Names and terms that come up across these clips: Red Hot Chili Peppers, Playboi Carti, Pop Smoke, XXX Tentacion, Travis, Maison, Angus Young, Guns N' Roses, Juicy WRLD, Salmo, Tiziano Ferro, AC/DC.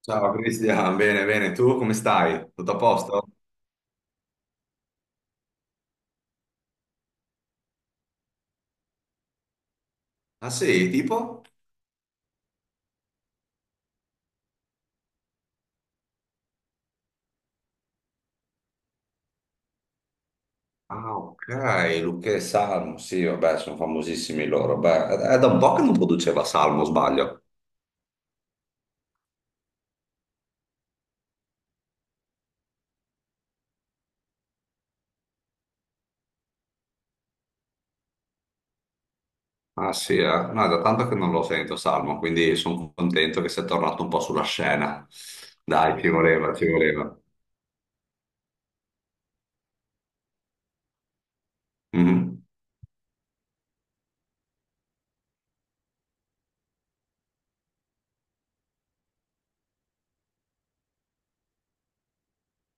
Ciao Cristian, bene, bene, tu come stai? Tutto a posto? Ah sì, tipo? Ah ok, Luca e Salmo, sì, vabbè, sono famosissimi loro. Beh, è da un po' che non produceva Salmo, sbaglio. Ah sì, eh? No, è da tanto che non lo sento Salmo, quindi sono contento che sia tornato un po' sulla scena. Dai, ci voleva, ci voleva. Mhm.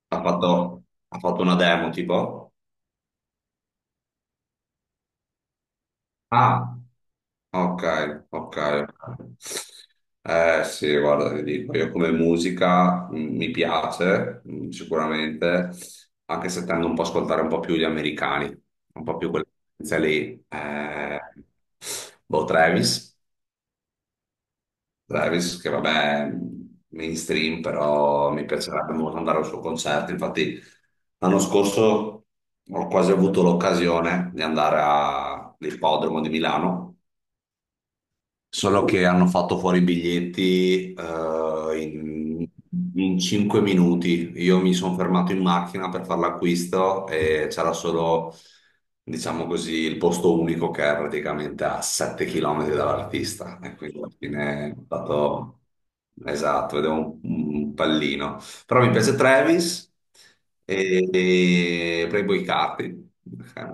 Ha fatto, ha fatto una demo, tipo? Ah. Ok, ok. Eh sì, guarda, ti dico, io come musica mi piace sicuramente, anche se tendo un po' a ascoltare un po' più gli americani, un po' più quella tendenza lì. Boh, Travis, che vabbè, è mainstream, però mi piacerebbe molto andare al suo concerto. Infatti, l'anno scorso ho quasi avuto l'occasione di andare all'ippodromo di Milano. Solo che hanno fatto fuori i biglietti in 5 minuti. Io mi sono fermato in macchina per fare l'acquisto e c'era solo, diciamo così, il posto unico che è praticamente a 7 km dall'artista. E quindi alla fine ho dato... Esatto, vedevo un pallino. Però mi piace Travis e Playboi Carti. È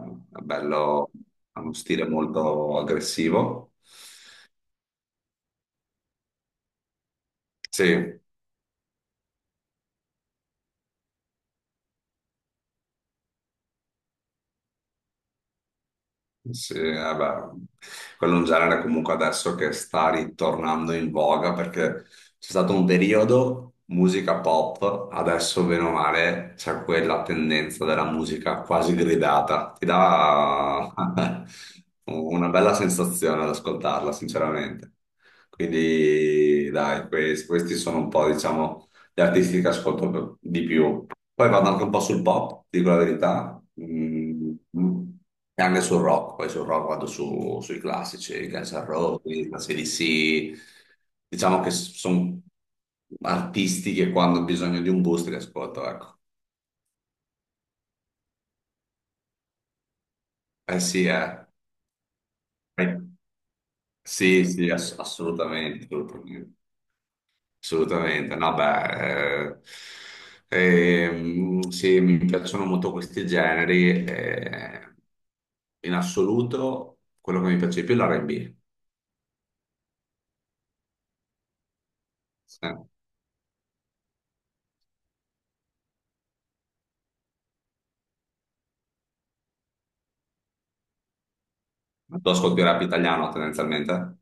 bello, ha uno stile molto aggressivo. Sì. Sì, vabbè. Quello è un genere comunque adesso che sta ritornando in voga perché c'è stato un periodo musica pop, adesso bene o male c'è quella tendenza della musica quasi gridata. Ti dà una bella sensazione ad ascoltarla, sinceramente. Quindi, dai, questi sono un po', diciamo gli artisti che ascolto per- di più. Poi vado anche un po' sul pop, dico la verità. Mm, mm. E anche sul rock. Poi sul rock vado sui classici, Guns N' Roses, AC/DC. Diciamo che sono artisti che quando ho bisogno di un boost li ascolto, ecco. Eh sì, eh. Eh, sì, sì, assolutamente, assolutamente. Assolutamente, no, beh, sì, mi piacciono molto questi generi. In assoluto, quello che mi piace di più è l'R&B. Eh, Tu ascolti rap italiano tendenzialmente?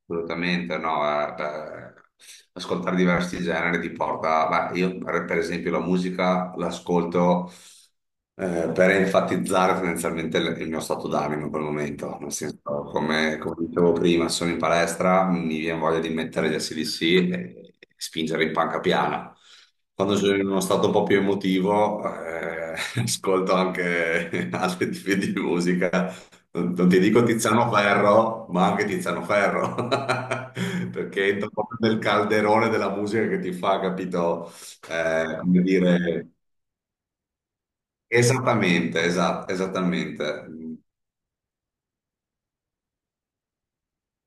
Assolutamente no, beh, ascoltare diversi generi ti porta, beh, io per esempio la musica l'ascolto per enfatizzare tendenzialmente il mio stato d'animo in quel momento, nel senso, come dicevo prima, sono in palestra, mi viene voglia di mettere gli ac e spingere in panca piana. Quando sono in uno stato un po' più emotivo, ascolto anche altri tipi di musica non ti dico Tiziano Ferro, ma anche Tiziano Ferro, perché entra proprio nel calderone della musica che ti fa, capito? Come dire, esattamente, esattamente. Mm.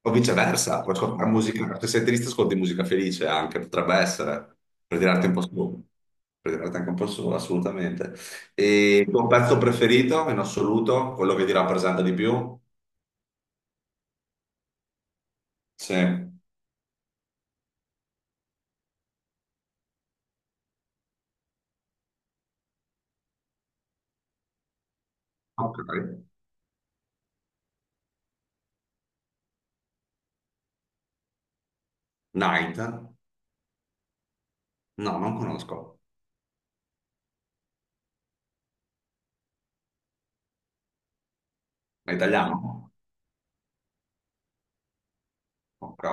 O viceversa, puoi ascoltare musica, se sei triste ascolti musica felice anche, potrebbe essere, per tirarti un po' su, per tirarti anche un po' su, assolutamente. E il tuo pezzo preferito in assoluto, quello che ti rappresenta di più? Sì. Ok. Night? No, non conosco. È italiano? Ok,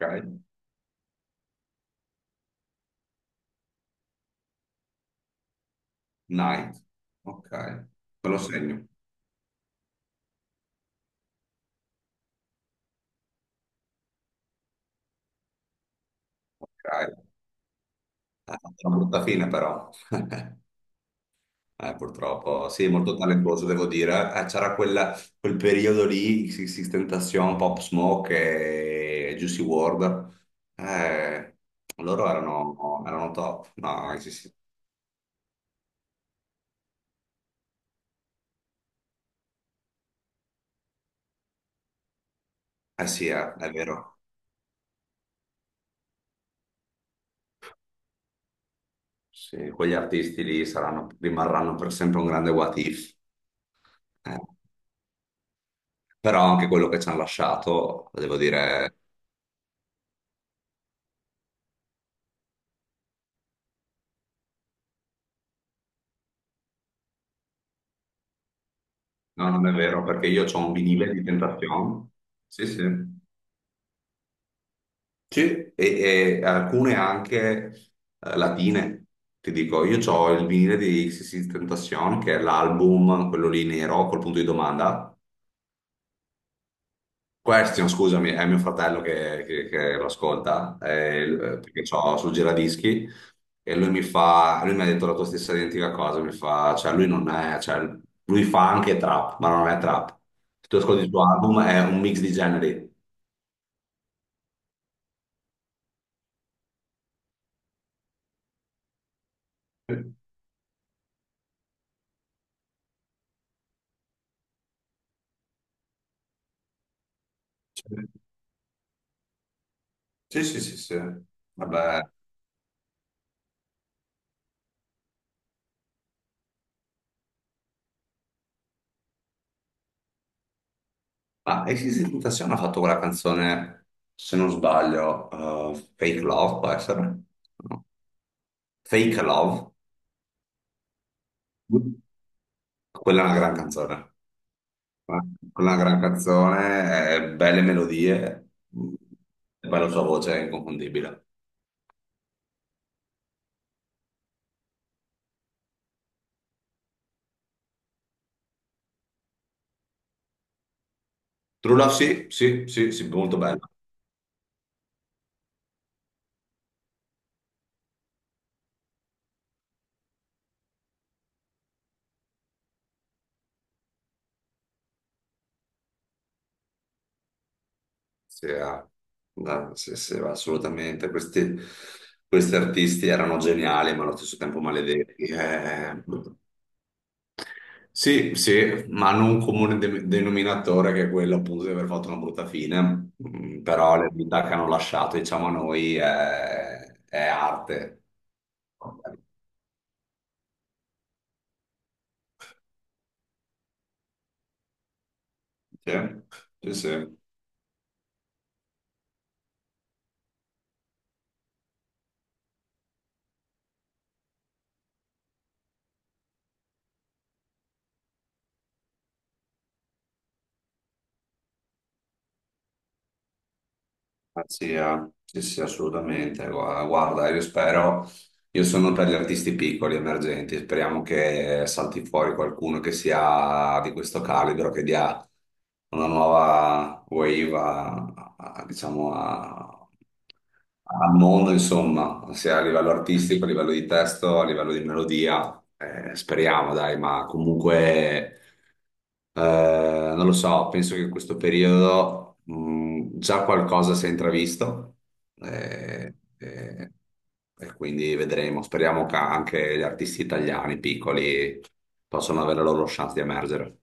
ok. Night. Ok, me lo segno. Ok. Eh, Una brutta fine però. Purtroppo, sì, molto talentuoso devo dire. C'era quel periodo lì, Six Tentacion, Pop Smoke e Juicy WRLD. Eh, loro erano top. No, sì, sì. Eh sì, è vero. Sì, quegli artisti lì rimarranno per sempre un grande what if. Eh. Però anche quello che ci hanno lasciato, devo dire, no, non è vero, perché io ho un vinile di Tentacion, sì, sì, sì, e alcune anche latine, ti dico, io ho il vinile di XXX Tentacion, che è l'album, quello lì nero, col punto di domanda, Question, scusami, è mio fratello che lo ascolta, perché ho sul giradischi e lui mi fa, lui mi ha detto la tua stessa identica cosa, mi fa, cioè lui non è, cioè, lui fa anche trap, ma non è trap. Se tu ascolti il suo album è un mix di generi. Sì, sì, sì, sì. Vabbè, ma Exit Tentazione ha fatto quella canzone, se non sbaglio, Fake Love, può essere? No. Fake Love, quella è una gran canzone. Una gran canzone, belle melodie, mm, e poi la sua voce è inconfondibile. True Love, sì, sì, sì, sì, molto bella. Sì, ah, no, sì, sì, assolutamente. Questi artisti erano geniali, ma allo stesso tempo maledetti. Sì, sì, ma hanno un comune denominatore che è quello appunto di aver fatto una brutta fine. Mm. Però le vita che hanno lasciato, diciamo, a noi è arte. Sì, sì, sì. Anzi, sì, sì, assolutamente. Guarda, io spero, io sono per gli artisti piccoli, emergenti, speriamo che salti fuori qualcuno che sia di questo calibro, che dia una nuova wave diciamo, al mondo, insomma, sia a livello artistico, a livello di testo, a livello di melodia. Speriamo, dai, ma comunque... Eh, non lo so, penso che in questo periodo già qualcosa si è intravisto eh, eh, e quindi vedremo. Speriamo che anche gli artisti italiani piccoli possano avere la loro chance di emergere.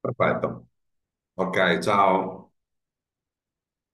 Perfetto. Ok, ciao.